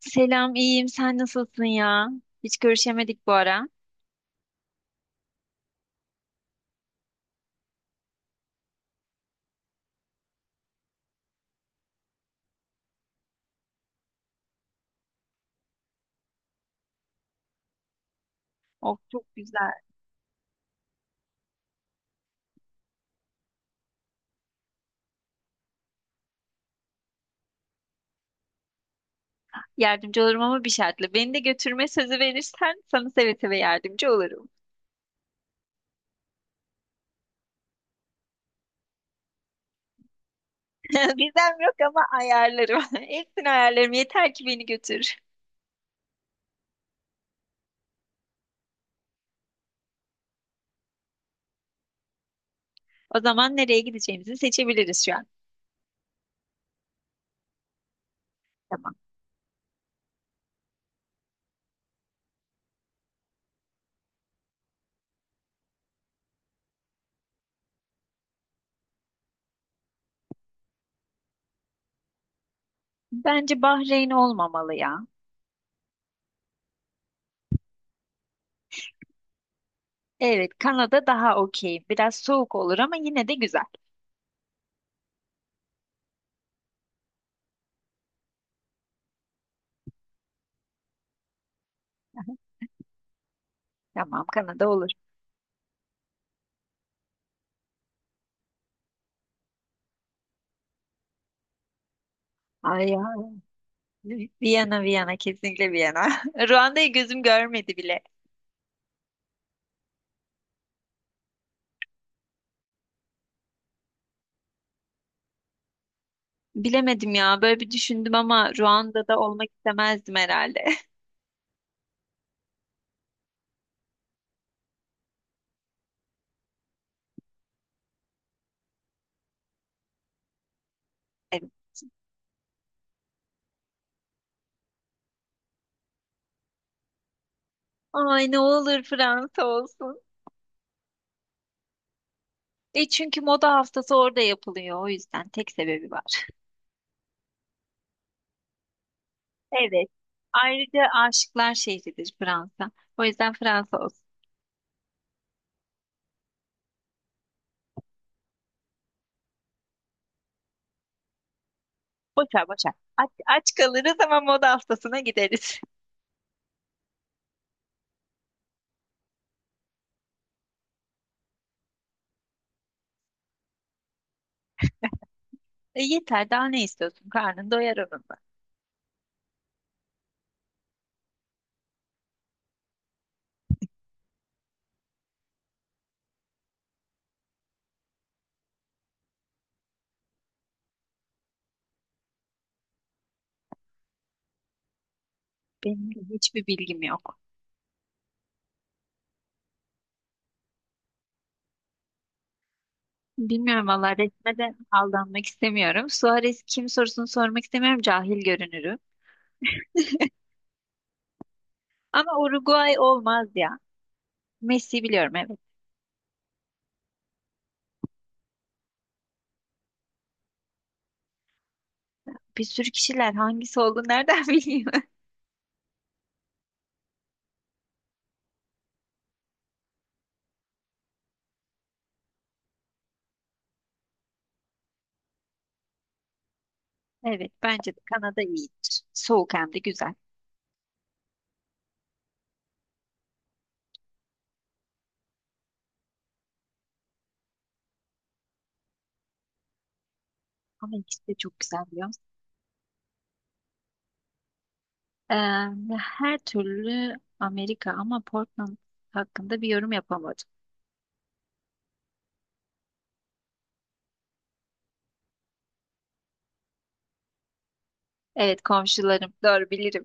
Selam, iyiyim. Sen nasılsın ya? Hiç görüşemedik bu ara. Oh, çok güzel. Yardımcı olurum ama bir şartla. Beni de götürme sözü verirsen sana seve seve yardımcı olurum. Bizden yok ama ayarlarım. Hepsini ayarlarım. Yeter ki beni götür. O zaman nereye gideceğimizi seçebiliriz şu an. Tamam. Bence Bahreyn olmamalı ya. Evet, Kanada daha okey. Biraz soğuk olur ama yine de güzel. Tamam, Kanada olur. Ay ya. Viyana, Viyana. Kesinlikle Viyana. Ruanda'yı gözüm görmedi bile. Bilemedim ya. Böyle bir düşündüm ama Ruanda'da olmak istemezdim herhalde. Evet. Ay ne olur Fransa olsun. E çünkü moda haftası orada yapılıyor. O yüzden tek sebebi var. Evet. Ayrıca aşıklar şehridir Fransa. O yüzden Fransa olsun. Boşver boşver. Aç, aç kalırız ama moda haftasına gideriz. E yeter daha ne istiyorsun? Karnın doyar onunla. Benim de hiçbir bilgim yok. Bilmiyorum valla resme de aldanmak istemiyorum. Suarez kim sorusunu sormak istemiyorum. Cahil görünürüm. Ama Uruguay olmaz ya. Messi biliyorum evet. Bir sürü kişiler hangisi olduğunu nereden bileyim? Evet bence de Kanada iyidir. Soğuk hem de güzel. Ama ikisi de çok güzel biliyor musun? Ee, her türlü Amerika ama Portland hakkında bir yorum yapamadım. Evet komşularım doğru bilirim.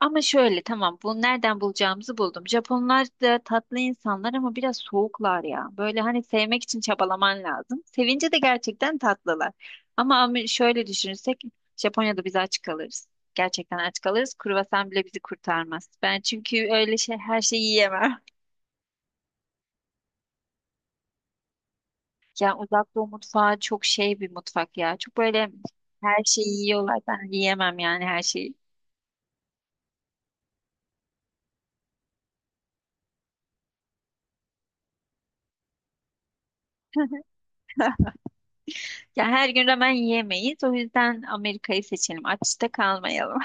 Ama şöyle tamam bu nereden bulacağımızı buldum. Japonlar da tatlı insanlar ama biraz soğuklar ya. Böyle hani sevmek için çabalaman lazım. Sevince de gerçekten tatlılar. Ama şöyle düşünürsek Japonya'da biz aç kalırız. Gerçekten aç kalırız. Kruvasan bile bizi kurtarmaz. Ben çünkü öyle şey her şeyi yiyemem. Yani uzak doğu mutfağı çok şey bir mutfak ya. Çok böyle her şeyi yiyorlar. Ben yiyemem yani her şeyi. Ya her gün ramen yiyemeyiz. O yüzden Amerika'yı seçelim. Açta kalmayalım.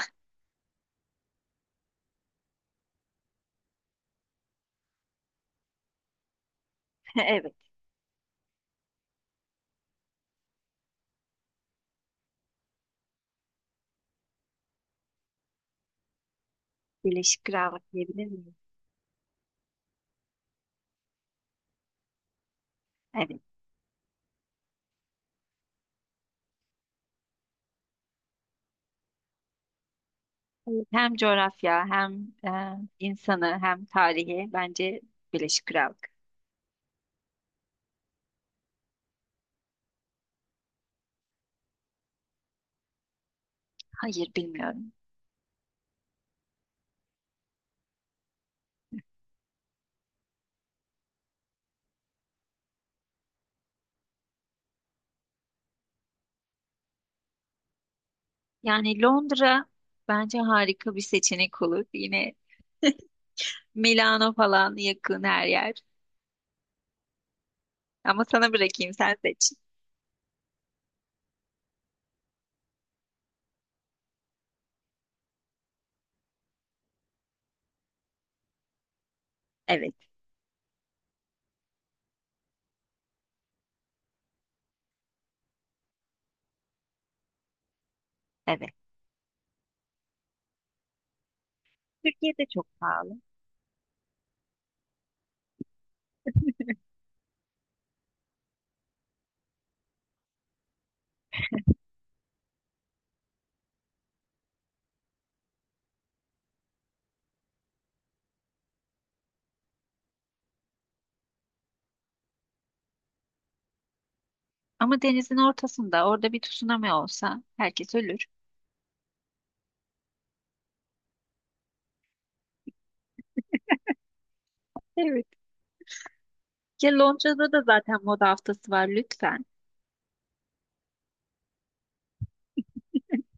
Evet, Birleşik Krallık diyebilir miyiz? Evet. Evet, hem coğrafya hem insanı hem tarihi bence Birleşik Krallık. Hayır bilmiyorum. Yani Londra bence harika bir seçenek olur. Yine Milano falan yakın her yer. Ama sana bırakayım sen seç. Evet, evet. Türkiye'de çok pahalı. Ama denizin ortasında orada bir tsunami olsa herkes ölür. Evet. Ya Londra'da da zaten moda haftası var lütfen.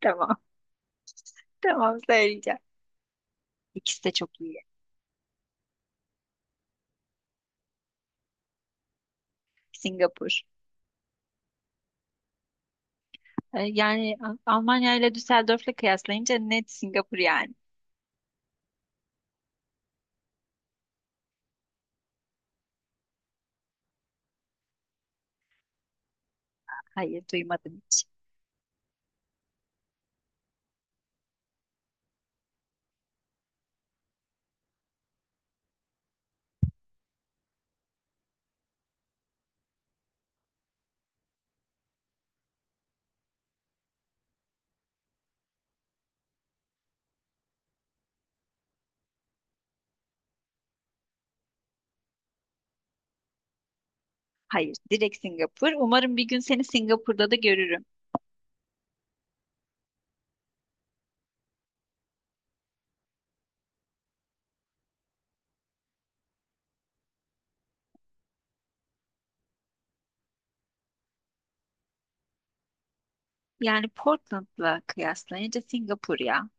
Tamam, tamam söyleyeceğim. İkisi de çok iyi. Singapur. Yani Almanya ile Düsseldorf'la kıyaslayınca net Singapur yani. Hayır, duymadım hiç. Hayır, direkt Singapur. Umarım bir gün seni Singapur'da da görürüm. Yani Portland'la kıyaslayınca Singapur ya.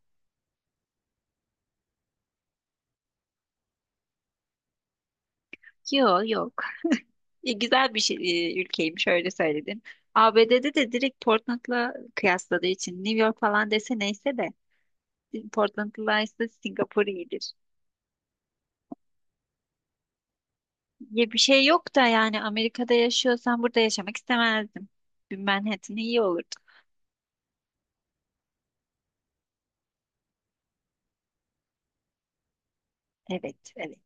Yok yok. E, güzel bir şey, ülkeymiş öyle söyledin. ABD'de de direkt Portland'la kıyasladığı için New York falan dese neyse de Portland'la ise Singapur iyidir. Ya bir şey yok da yani Amerika'da yaşıyorsan burada yaşamak istemezdim. Bir Manhattan iyi olurdu. Evet, evet,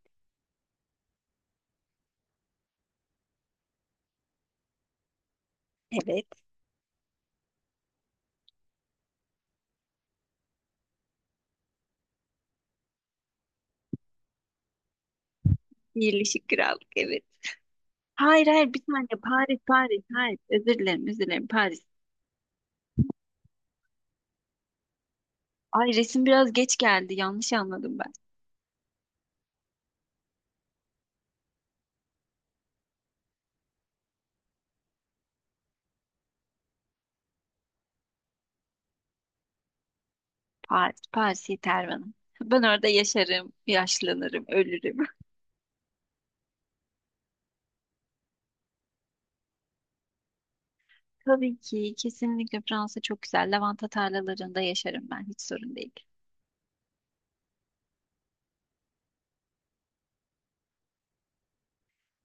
evet. Birleşik Krallık, evet. Hayır, hayır bir tane Paris, Paris, hayır. Özür dilerim, özür dilerim Paris. Ay resim biraz geç geldi, yanlış anladım ben. Paris, Paris yeter bana. Ben orada yaşarım, yaşlanırım, ölürüm. Tabii ki, kesinlikle Fransa çok güzel. Lavanta tarlalarında yaşarım ben, hiç sorun değil.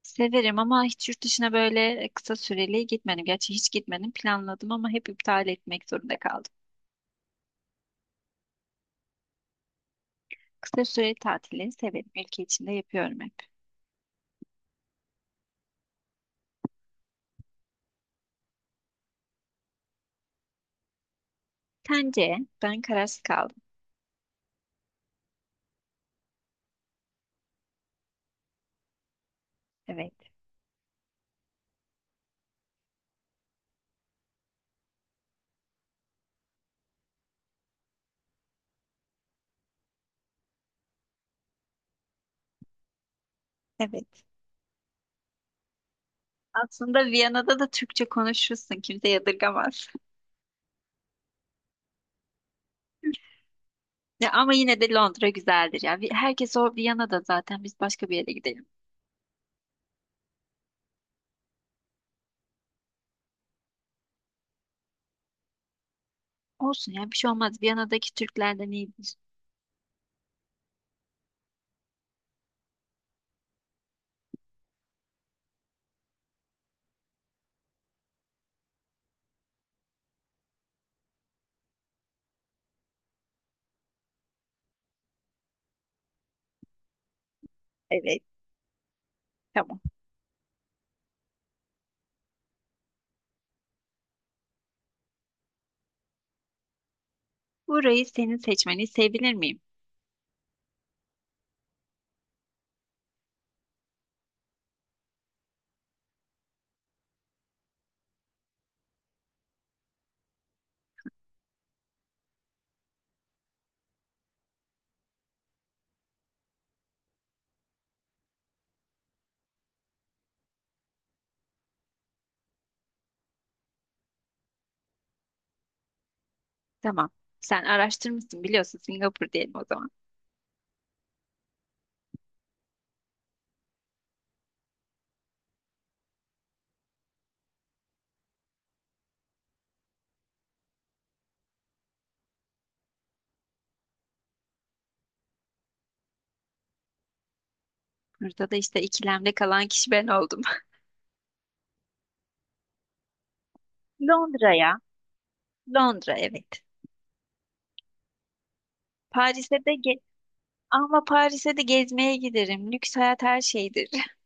Severim ama hiç yurt dışına böyle kısa süreli gitmedim. Gerçi hiç gitmedim. Planladım ama hep iptal etmek zorunda kaldım. Kısa süreli tatilleri severim. Ülke içinde yapıyorum hep. Sence? Ben kararsız kaldım. Evet. Evet. Aslında Viyana'da da Türkçe konuşursun. Kimse yadırgamaz. Ya ama yine de Londra güzeldir ya. Herkes o Viyana'da zaten. Biz başka bir yere gidelim. Olsun ya bir şey olmaz. Viyana'daki Türklerden iyidir. Evet. Tamam. Burayı senin seçmeni sevebilir miyim? Tamam. Sen araştırmışsın biliyorsun Singapur diyelim o zaman. Burada da işte ikilemde kalan kişi ben oldum. Londra'ya. Londra evet. Paris'e de ge ama Paris'e de gezmeye giderim. Lüks hayat her şeydir.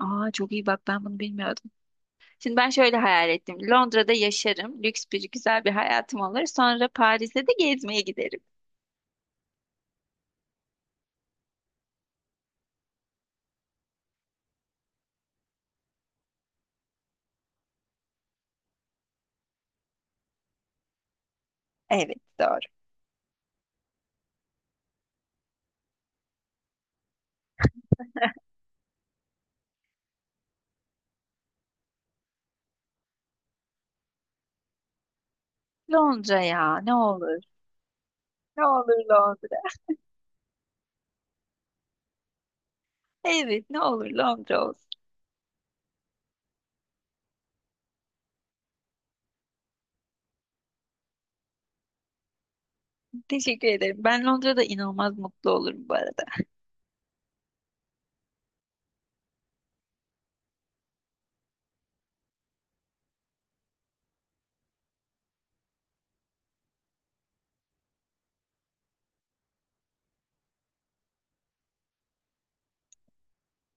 Aa çok iyi bak ben bunu bilmiyordum. Şimdi ben şöyle hayal ettim. Londra'da yaşarım. Lüks bir güzel bir hayatım olur. Sonra Paris'e de gezmeye giderim. Evet doğru. Londra ya ne olur. Ne olur Londra. Evet ne olur Londra olsun. Teşekkür ederim. Ben Londra'da inanılmaz mutlu olurum bu arada.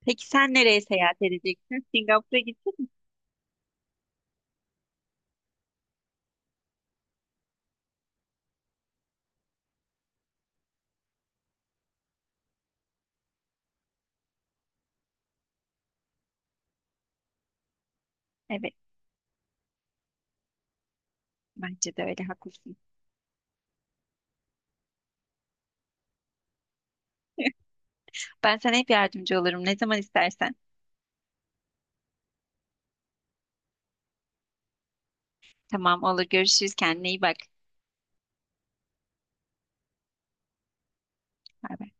Peki sen nereye seyahat edeceksin? Singapur'a gittin mi? Evet bence de öyle haklısın. Ben sana hep yardımcı olurum ne zaman istersen. Tamam olur görüşürüz kendine iyi bak. Bay bay.